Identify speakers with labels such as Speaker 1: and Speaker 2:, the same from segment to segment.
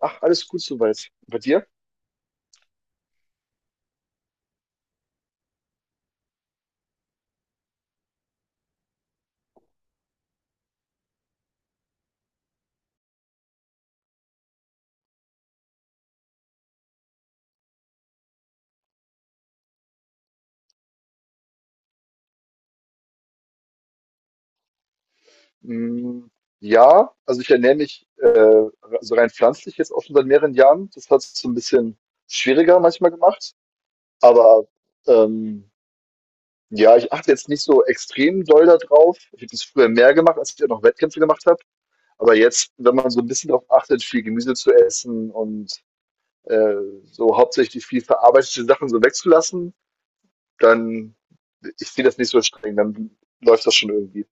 Speaker 1: Ach, alles gut soweit. Bei dir? Hm, ja, also ich ernähre mich also rein pflanzlich jetzt auch schon seit mehreren Jahren. Das hat es so ein bisschen schwieriger manchmal gemacht. Aber ähm, ja, ich achte jetzt nicht so extrem doll da drauf. Ich habe das früher mehr gemacht, als ich ja noch Wettkämpfe gemacht habe. Aber jetzt, wenn man so ein bisschen darauf achtet, viel Gemüse zu essen und äh, so hauptsächlich viel verarbeitete Sachen so wegzulassen, dann ich sehe das nicht so streng, dann läuft das schon irgendwie.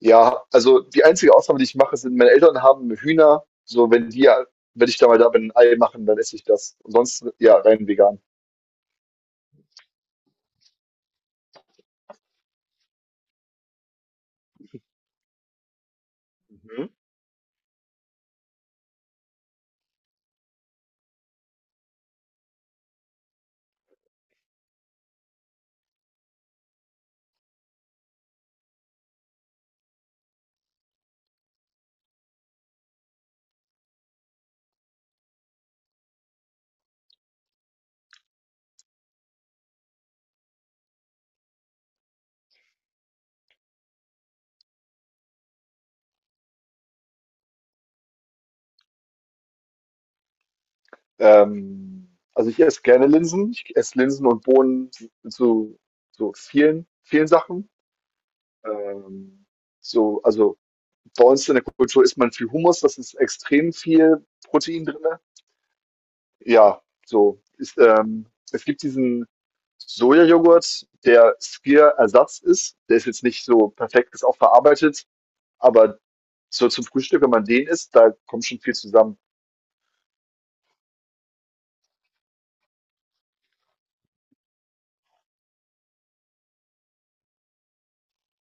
Speaker 1: Ja, also die einzige Ausnahme, die ich mache, sind meine Eltern haben Hühner. So, wenn ich da mal da bin, ein Ei machen, dann esse ich das. Ansonsten, ja, rein vegan. Mhm. Also ich esse gerne Linsen. Ich esse Linsen und Bohnen zu, so vielen, vielen Sachen. Ähm, so, also bei uns in der Kultur isst man viel Hummus, das ist extrem viel Protein drin. Ja, so. Es gibt diesen Sojajoghurt, der Skyr-Ersatz ist. Der ist jetzt nicht so perfekt, ist auch verarbeitet, aber so zum Frühstück, wenn man den isst, da kommt schon viel zusammen.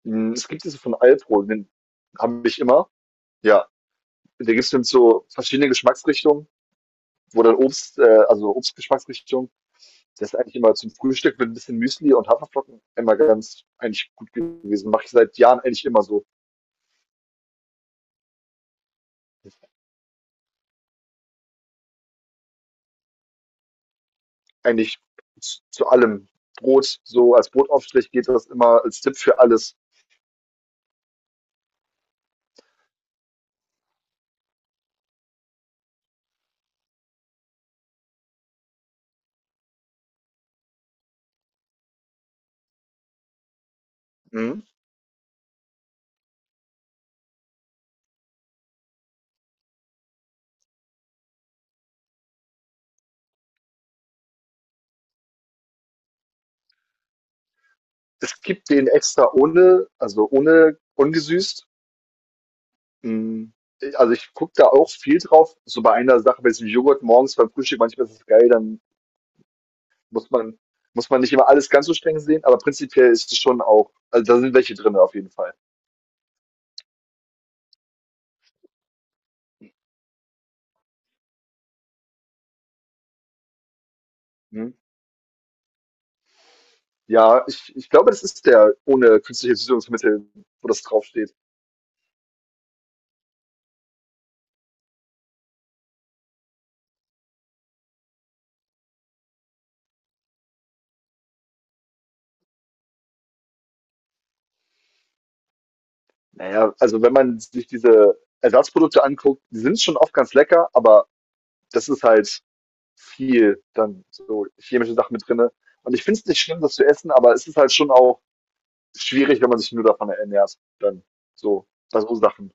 Speaker 1: Hm, es gibt diese von Alpro, den habe ich immer. Ja, da gibt es dann so verschiedene Geschmacksrichtungen, wo dann also Obstgeschmacksrichtung, das ist eigentlich immer zum Frühstück mit ein bisschen Müsli und Haferflocken immer ganz eigentlich gut gewesen. Mache ich seit Jahren eigentlich immer so. Eigentlich zu allem. Brot, so als Brotaufstrich geht das immer als Tipp für alles. Mhm. Es gibt den extra ohne, also ohne ungesüßt. Mhm. Also ich gucke da auch viel drauf. So bei einer Sache, bei diesem Joghurt morgens beim Frühstück, manchmal ist es geil, dann muss man, muss man nicht immer alles ganz so streng sehen, aber prinzipiell ist es schon auch, also da sind welche drin auf jeden Fall. Mhm. Ja, ich glaube, das ist der ohne künstliche Süßungsmittel, wo das draufsteht. Naja, also wenn man sich diese Ersatzprodukte anguckt, die sind schon oft ganz lecker, aber das ist halt viel dann so chemische Sachen mit drinne. Und ich finde es nicht schlimm, das zu essen, aber es ist halt schon auch schwierig, wenn man sich nur davon ernährt, dann so bei so Sachen.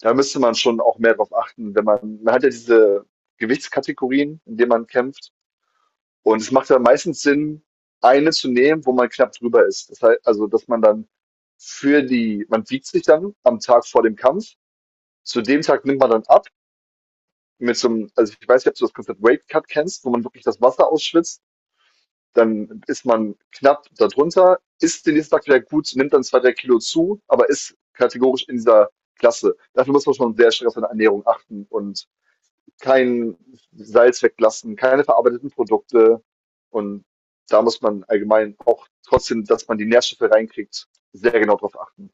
Speaker 1: Da müsste man schon auch mehr drauf achten, wenn man, man hat ja diese Gewichtskategorien, in denen man kämpft. Und es macht ja meistens Sinn, eine zu nehmen, wo man knapp drüber ist. Das heißt, also, dass man dann für die, man wiegt sich dann am Tag vor dem Kampf. Zu dem Tag nimmt man dann ab mit so einem, also, ich weiß nicht, ob du das Konzept Weight Cut kennst, wo man wirklich das Wasser ausschwitzt, dann ist man knapp darunter, ist den nächsten Tag wieder gut, nimmt dann 2 3 Kilo zu, aber ist kategorisch in dieser Klasse. Dafür muss man schon sehr streng auf seine Ernährung achten und kein Salz weglassen, keine verarbeiteten Produkte. Und da muss man allgemein auch trotzdem, dass man die Nährstoffe reinkriegt, sehr genau drauf achten.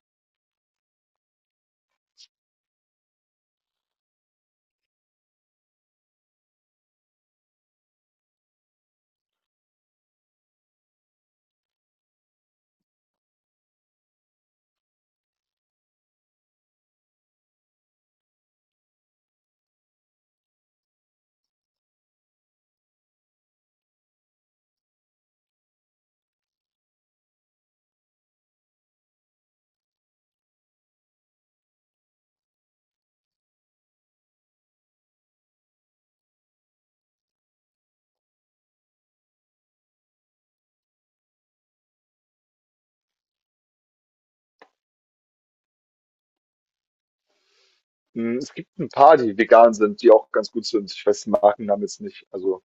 Speaker 1: Hm, es gibt ein paar, die vegan sind, die auch ganz gut sind. Ich weiß den Markennamen jetzt nicht. Also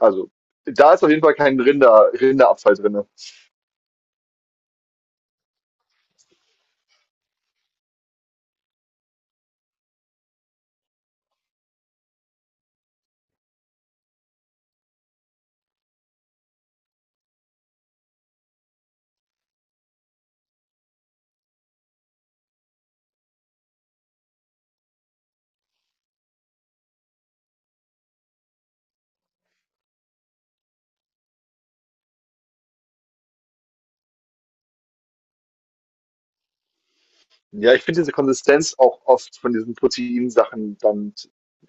Speaker 1: also da ist auf jeden Fall kein Rinder, Rinderabfall drin. Ja, ich finde diese Konsistenz auch oft von diesen Proteinsachen dann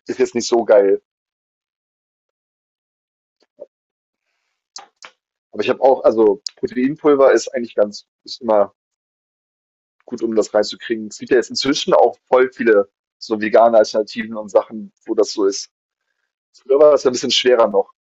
Speaker 1: ist jetzt nicht so geil. Aber ich habe auch, also Proteinpulver ist eigentlich ganz, ist immer gut, um das reinzukriegen. Es gibt ja jetzt inzwischen auch voll viele so vegane Alternativen und Sachen, wo das so ist. Früher war das ja ein bisschen schwerer noch.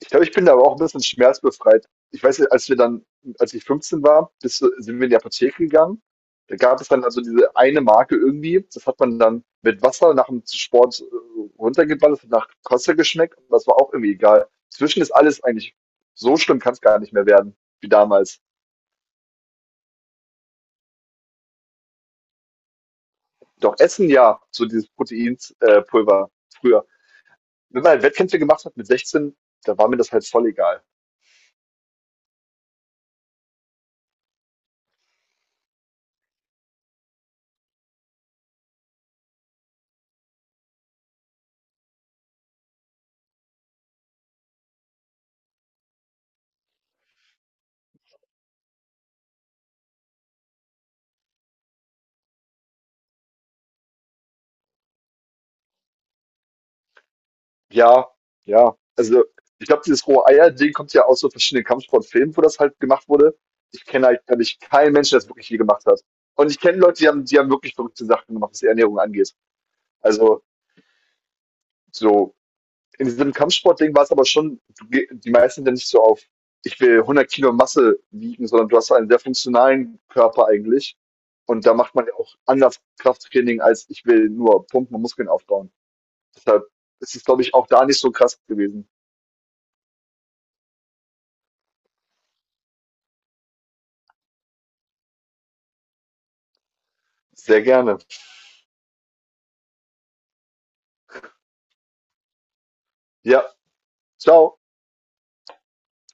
Speaker 1: Ich glaube, ich bin da aber auch ein bisschen schmerzbefreit. Ich weiß, als ich 15 war, sind wir in die Apotheke gegangen. Da gab es dann also diese eine Marke irgendwie. Das hat man dann mit Wasser nach dem Sport runtergeballert, hat nach Kosse geschmeckt. Und das war auch irgendwie egal. Zwischen ist alles eigentlich so schlimm, kann es gar nicht mehr werden, wie damals. Doch Essen ja, so dieses Proteinpulver Pulver früher. Wenn man halt Wettkämpfe gemacht hat mit 16, da war mir das halt voll egal. Ja, ja. Also, ich glaube, dieses Rohe-Eier-Ding kommt ja aus so verschiedenen Kampfsportfilmen, wo das halt gemacht wurde. Ich kenne halt, glaube ich, keinen Menschen, der das wirklich je gemacht hat. Und ich kenne Leute, die haben wirklich verrückte Sachen gemacht, was die Ernährung angeht. Also, so, in diesem Kampfsportding war es aber schon, du, die meisten sind ja nicht so auf, ich will 100 Kilo Masse wiegen, sondern du hast einen sehr funktionalen Körper eigentlich. Und da macht man ja auch anders Krafttraining, als ich will nur Pumpen und Muskeln aufbauen. Deshalb ist es, glaube ich, auch da nicht so krass gewesen. Sehr gerne. Ja, ciao.